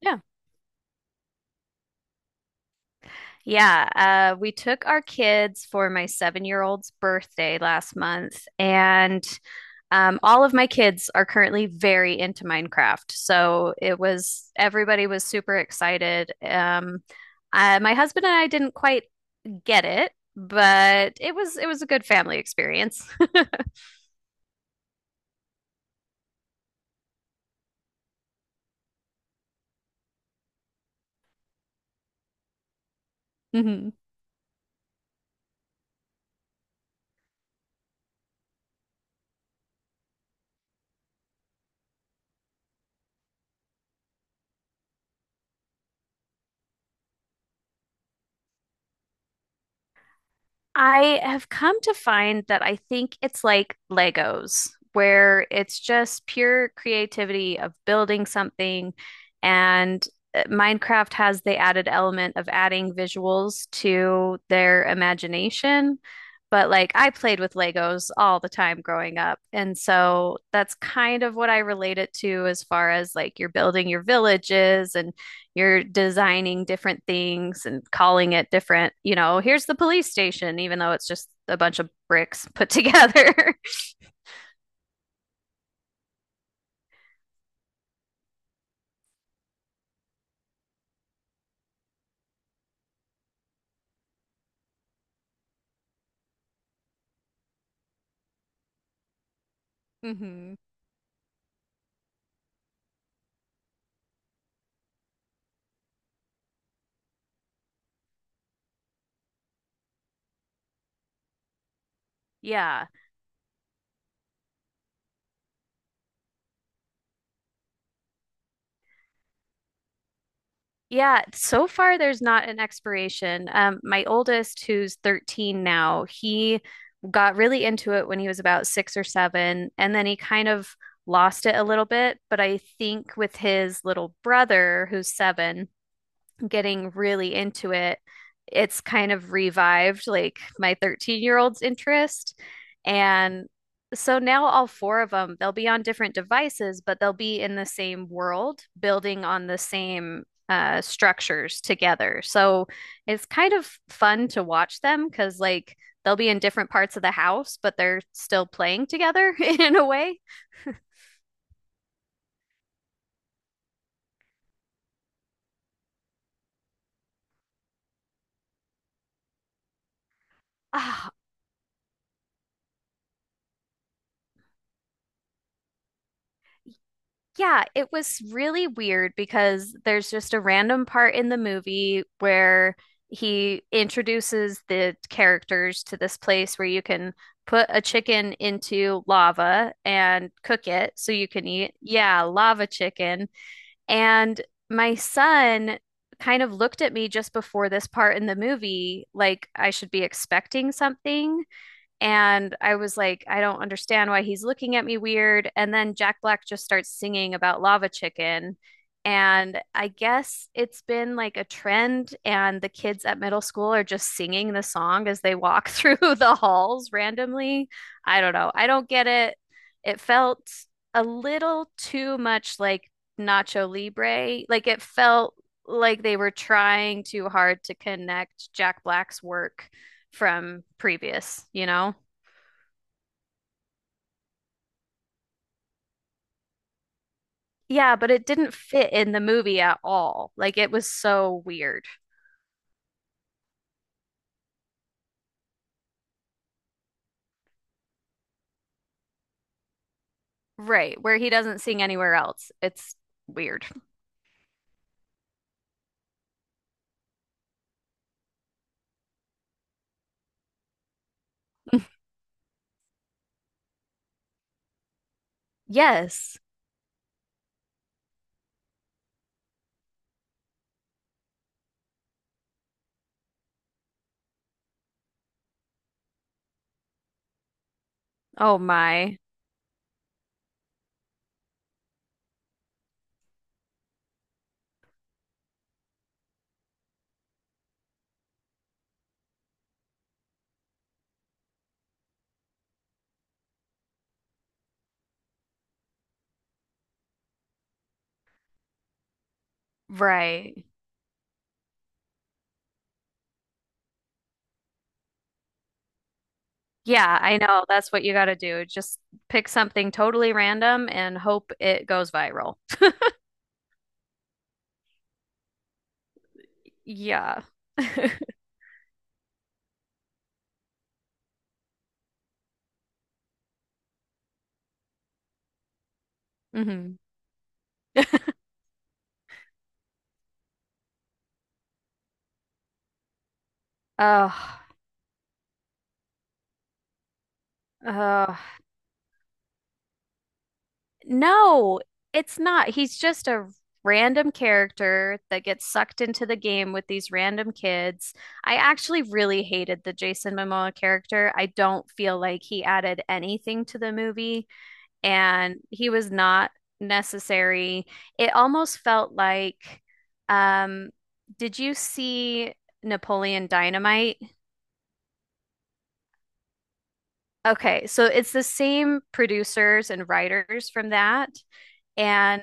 Yeah. Yeah. We took our kids for my 7 year old's birthday last month, and all of my kids are currently very into Minecraft. So everybody was super excited. My husband and I didn't quite get it, but it was a good family experience. Mhm. I have come to find that I think it's like Legos, where it's just pure creativity of building something. And Minecraft has the added element of adding visuals to their imagination. But like I played with Legos all the time growing up. And so that's kind of what I relate it to as far as like you're building your villages and you're designing different things and calling it different, you know, here's the police station, even though it's just a bunch of bricks put together. Hmm. Yeah. Yeah, so far there's not an expiration. My oldest, who's 13 now, he got really into it when he was about six or seven, and then he kind of lost it a little bit. But I think with his little brother, who's seven, getting really into it, it's kind of revived like my 13-year old's interest. And so now all four of them, they'll be on different devices, but they'll be in the same world, building on the same structures together. So it's kind of fun to watch them because, like, they'll be in different parts of the house, but they're still playing together in a way. Oh. Yeah, it was really weird because there's just a random part in the movie where he introduces the characters to this place where you can put a chicken into lava and cook it so you can eat. Yeah, lava chicken. And my son kind of looked at me just before this part in the movie like I should be expecting something. And I was like, I don't understand why he's looking at me weird. And then Jack Black just starts singing about lava chicken. And I guess it's been like a trend, and the kids at middle school are just singing the song as they walk through the halls randomly. I don't know. I don't get it. It felt a little too much like Nacho Libre. Like it felt like they were trying too hard to connect Jack Black's work from previous, you know? Yeah, but it didn't fit in the movie at all. Like it was so weird. Right, where he doesn't sing anywhere else. It's weird. Yes. Oh my. Right. Yeah, I know. That's what you got to do. Just pick something totally random and hope it goes viral. Yeah. Hmm. Oh, oh. No, it's not. He's just a random character that gets sucked into the game with these random kids. I actually really hated the Jason Momoa character. I don't feel like he added anything to the movie, and he was not necessary. It almost felt like, um, did you see Napoleon Dynamite? Okay, so it's the same producers and writers from that. And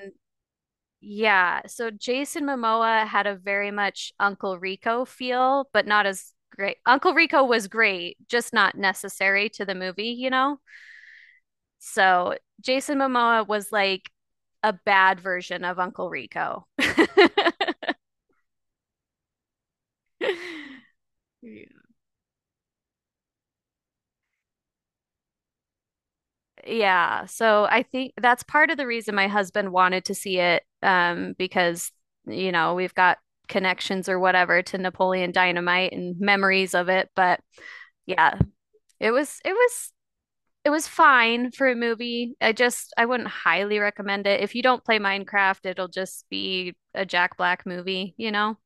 yeah, so Jason Momoa had a very much Uncle Rico feel, but not as great. Uncle Rico was great, just not necessary to the movie, you know? So Jason Momoa was like a bad version of Uncle Rico. Yeah. Yeah, so I think that's part of the reason my husband wanted to see it, because, you know, we've got connections or whatever to Napoleon Dynamite and memories of it, but. Yeah, It was it was it was fine for a movie. I just I wouldn't highly recommend it. If you don't play Minecraft, it'll just be a Jack Black movie, you know?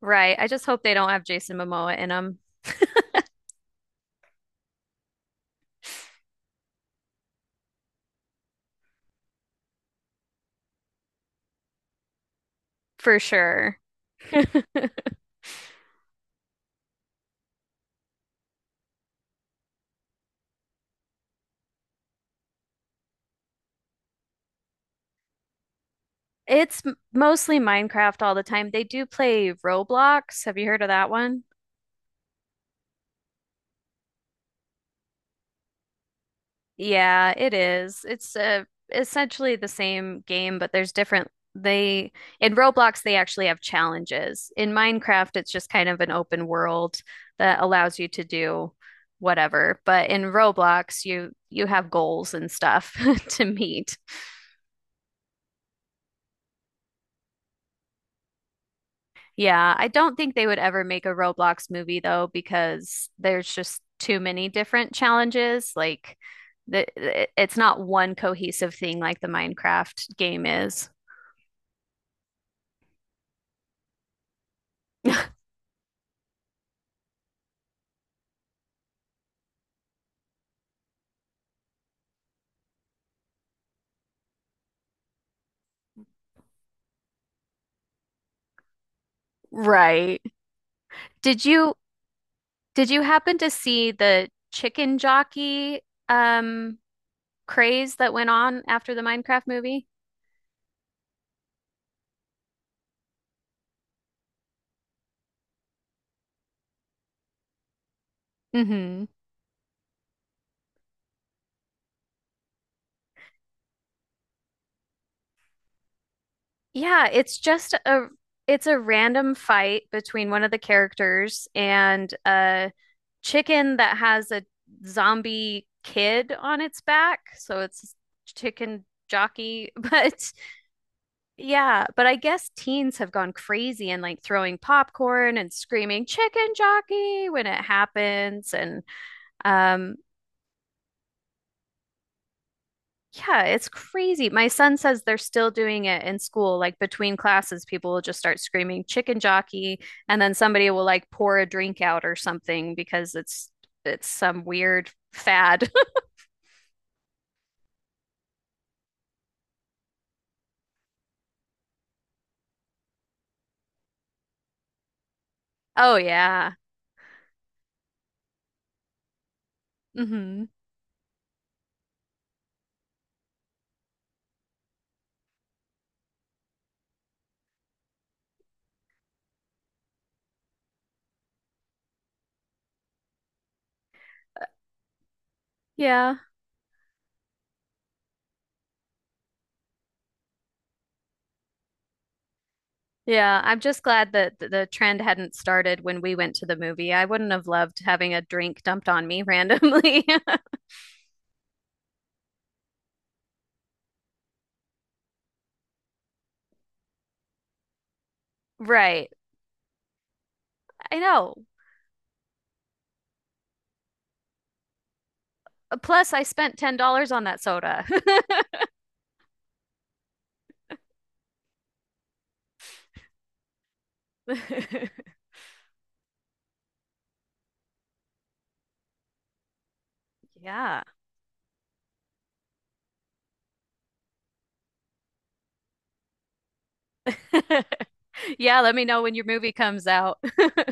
Right. I just hope they don't have Jason Momoa in them for sure. It's mostly Minecraft all the time. They do play Roblox. Have you heard of that one? Yeah, it is. It's essentially the same game, but there's different. They in Roblox they actually have challenges. In Minecraft, it's just kind of an open world that allows you to do whatever. But in Roblox, you have goals and stuff to meet. Yeah, I don't think they would ever make a Roblox movie though, because there's just too many different challenges. Like the, it's not one cohesive thing like the Minecraft game is. Right. Did you did you happen to see the chicken jockey um craze that went on after the Minecraft movie? Mm-hmm. Yeah, it's just a it's a random fight between one of the characters and a chicken that has a zombie kid on its back. So it's chicken jockey, but yeah, but I guess teens have gone crazy and like throwing popcorn and screaming chicken jockey when it happens. And um, yeah, it's crazy. My son says they're still doing it in school. Like between classes, people will just start screaming chicken jockey, and then somebody will like pour a drink out or something because it's some weird fad. Oh yeah. Hmm. Yeah. Yeah, I'm just glad that the trend hadn't started when we went to the movie. I wouldn't have loved having a drink dumped on me randomly. Right. I know. Plus, I spent $10 on that soda. Yeah. Yeah, let me know when your movie comes out.